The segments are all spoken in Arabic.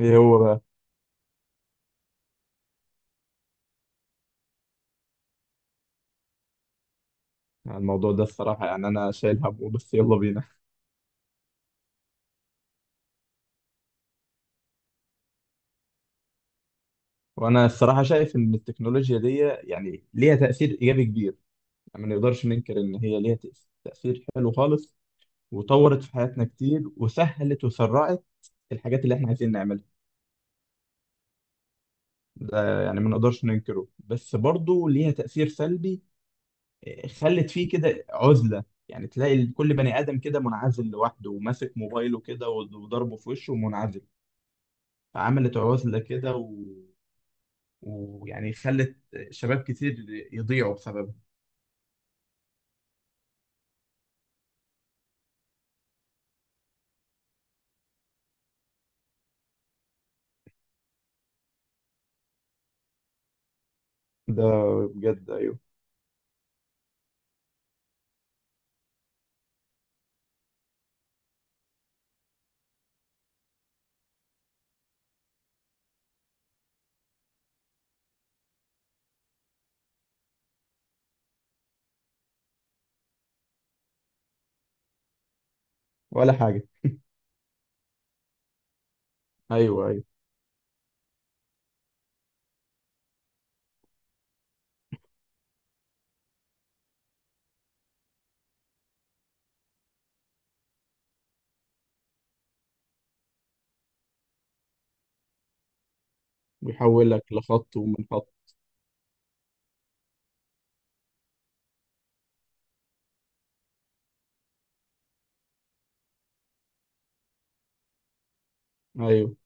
ايه هو بقى؟ يعني الموضوع ده الصراحة، يعني انا شايل همه، بس يلا بينا. وانا الصراحة شايف ان التكنولوجيا دي يعني ليها تأثير ايجابي كبير، يعني ما نقدرش ننكر ان هي ليها تأثير حلو خالص، وطورت في حياتنا كتير، وسهلت وسرعت الحاجات اللي احنا عايزين نعملها. ده يعني ما نقدرش ننكره، بس برضه ليها تأثير سلبي، إيه، خلت فيه كده عزلة، يعني تلاقي كل بني آدم كده منعزل لوحده وماسك موبايله كده وضربه في وشه ومنعزل. فعملت عزلة كده، ويعني خلت شباب كتير يضيعوا بسببها. ده بجد، ايوه. ولا حاجه. ايوه ايوه. ويحولك لخط ومن خط. ايوه،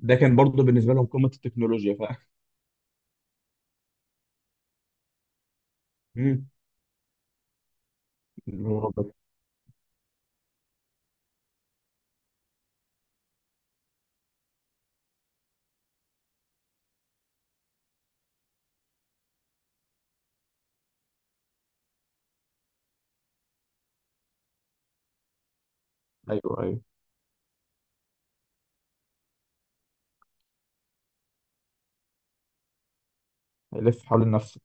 ده كان برضه بالنسبه لهم قمه التكنولوجيا، فاهم. مم. اللي هو بس. ايوه ايوه. يلف حوالين نفسه.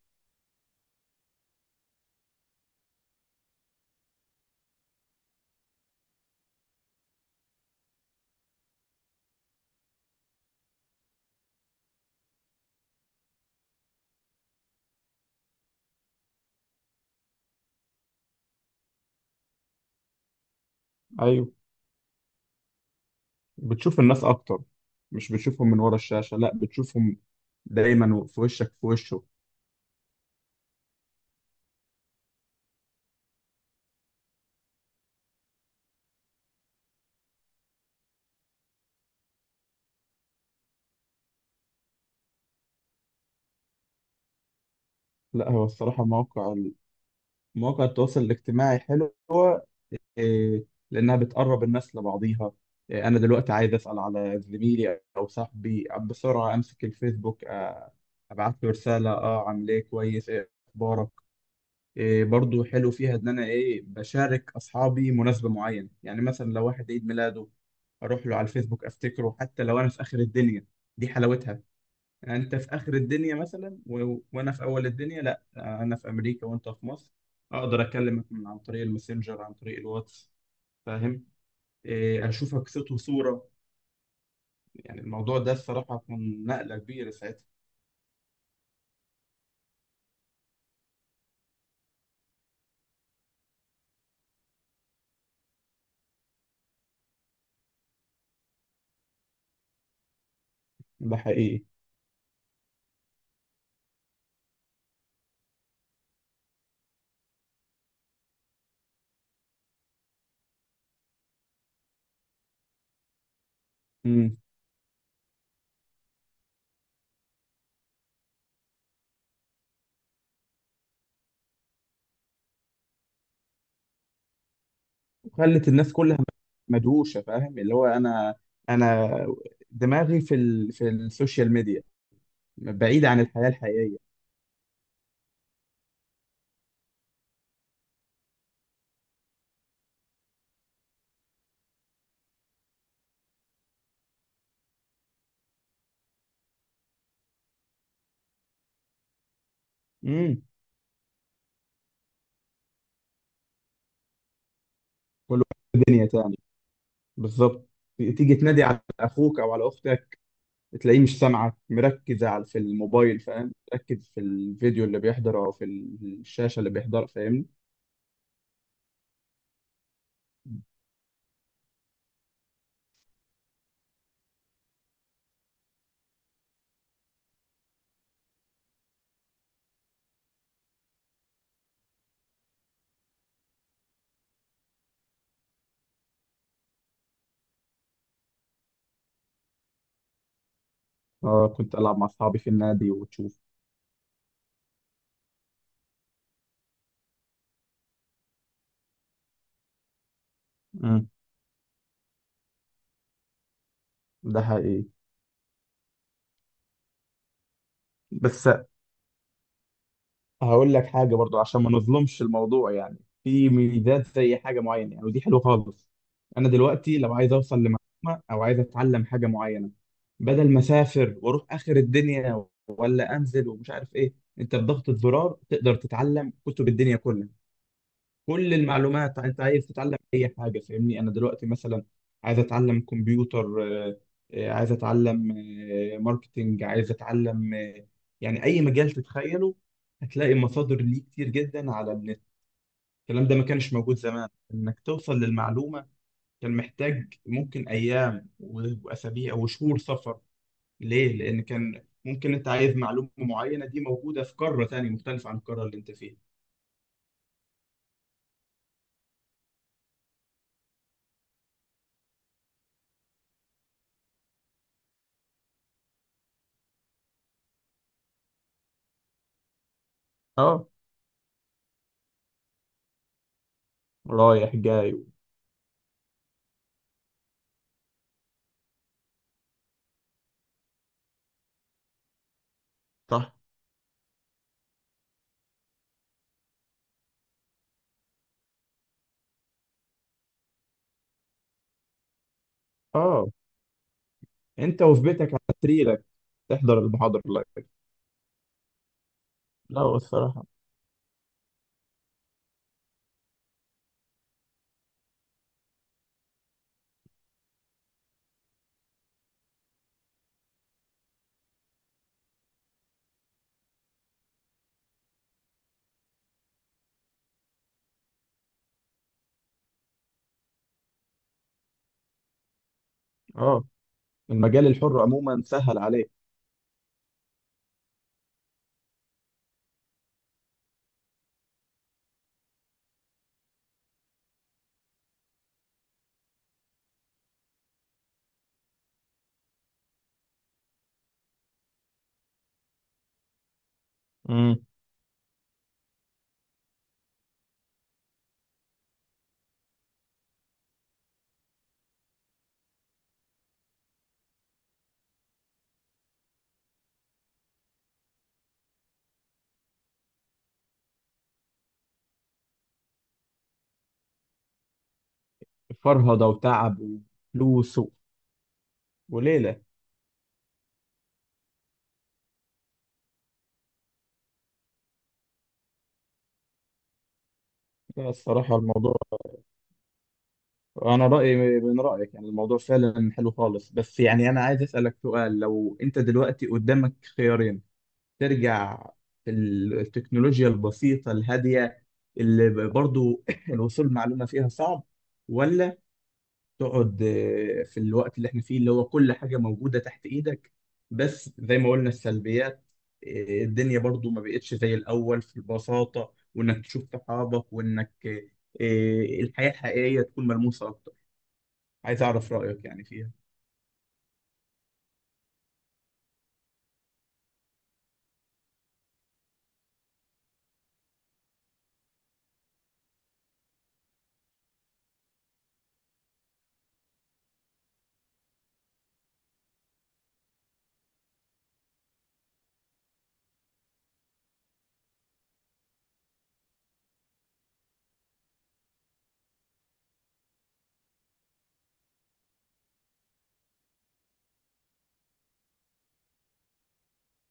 ايوه، بتشوف الناس اكتر، مش بتشوفهم من ورا الشاشه، لا بتشوفهم دايما في وشك في وشه. لا هو الصراحه، مواقع التواصل الاجتماعي حلو، إيه، لانها بتقرب الناس لبعضيها. إيه، انا دلوقتي عايز اسال على زميلي او صاحبي بسرعه، امسك الفيسبوك، ابعت له رساله، اه عامل ايه، كويس، ايه اخبارك. إيه برضو حلو فيها ان انا ايه بشارك اصحابي مناسبه معينه، يعني مثلا لو واحد عيد ميلاده اروح له على الفيسبوك افتكره، حتى لو انا في اخر الدنيا، دي حلاوتها. يعني انت في اخر الدنيا مثلا، و... وانا في اول الدنيا، لا، انا في امريكا وانت في مصر، اقدر اكلمك من عن طريق الماسنجر، عن طريق الواتس، فاهم، إيه، اشوفك صوت وصوره. يعني الموضوع ده الصراحه كان نقله كبيره ساعتها. ده حقيقي. امم وخلت الناس كلها مدهوشه، فاهم، اللي هو انا، انا دماغي في السوشيال ميديا، بعيد عن الحياه الحقيقيه. امم كل واحد في دنيا تاني، بالظبط. تيجي تنادي على اخوك او على اختك، تلاقيه مش سامعك، مركز على في الموبايل، فاهم، مركز في الفيديو اللي بيحضره او في الشاشه اللي بيحضرها، فاهمني. اه، كنت العب مع اصحابي في النادي وتشوف. ده حقيقي. بس هقول لك حاجة برضو عشان ما نظلمش الموضوع، يعني في ميزات زي حاجة معينة يعني، ودي حلوة خالص. أنا دلوقتي لو عايز أوصل لمعلومة أو عايز أتعلم حاجة معينة، بدل ما أسافر وأروح آخر الدنيا ولا أنزل ومش عارف إيه، أنت بضغطة زرار تقدر تتعلم كتب الدنيا كلها. كل المعلومات، انت عايز تتعلم اي حاجه، فاهمني، انا دلوقتي مثلا عايز اتعلم كمبيوتر، عايز اتعلم ماركتينج، عايز اتعلم يعني اي مجال تتخيله هتلاقي مصادر ليه كتير جدا على النت. الكلام ده ما كانش موجود زمان، انك توصل للمعلومه كان محتاج ممكن ايام و- واسابيع وشهور سفر، ليه؟ لان كان ممكن انت عايز معلومه معينه دي موجوده في قاره تانية مختلفه عن القاره اللي انت فيها. اه، رايح جاي. صح. اه، انت وفي بيتك على سريرك تحضر المحاضرة لايف. لا هو الصراحة. اه، المجال الحر عموما سهل عليك. امم فرهدة وتعب وفلوس و- وليلة. لا الصراحة الموضوع، أنا رأيي من رأيك، يعني الموضوع فعلا حلو خالص، بس يعني أنا عايز أسألك سؤال، لو أنت دلوقتي قدامك خيارين، ترجع في التكنولوجيا البسيطة الهادية اللي برضو الوصول معلومة فيها صعب، ولا تقعد في الوقت اللي احنا فيه اللي هو كل حاجة موجودة تحت ايدك، بس زي ما قلنا السلبيات، الدنيا برضو ما بقتش زي الأول في البساطة، وإنك تشوف صحابك، وإنك الحياة الحقيقية تكون ملموسة أكتر، عايز أعرف رأيك يعني فيها.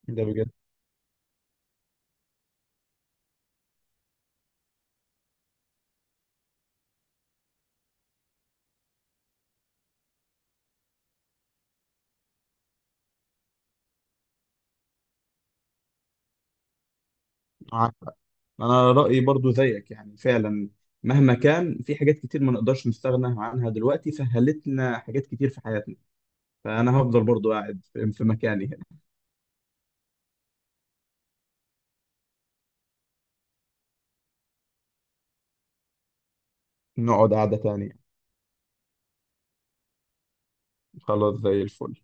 ده بجد. معاك حق. أنا رأيي برضو زيك، يعني فعلا مهما كان، في حاجات كتير ما نقدرش نستغنى عنها دلوقتي، سهلت لنا حاجات كتير في حياتنا، فأنا هفضل برضو قاعد في مكاني هنا. نقعد قعدة تانية، خلاص زي الفل.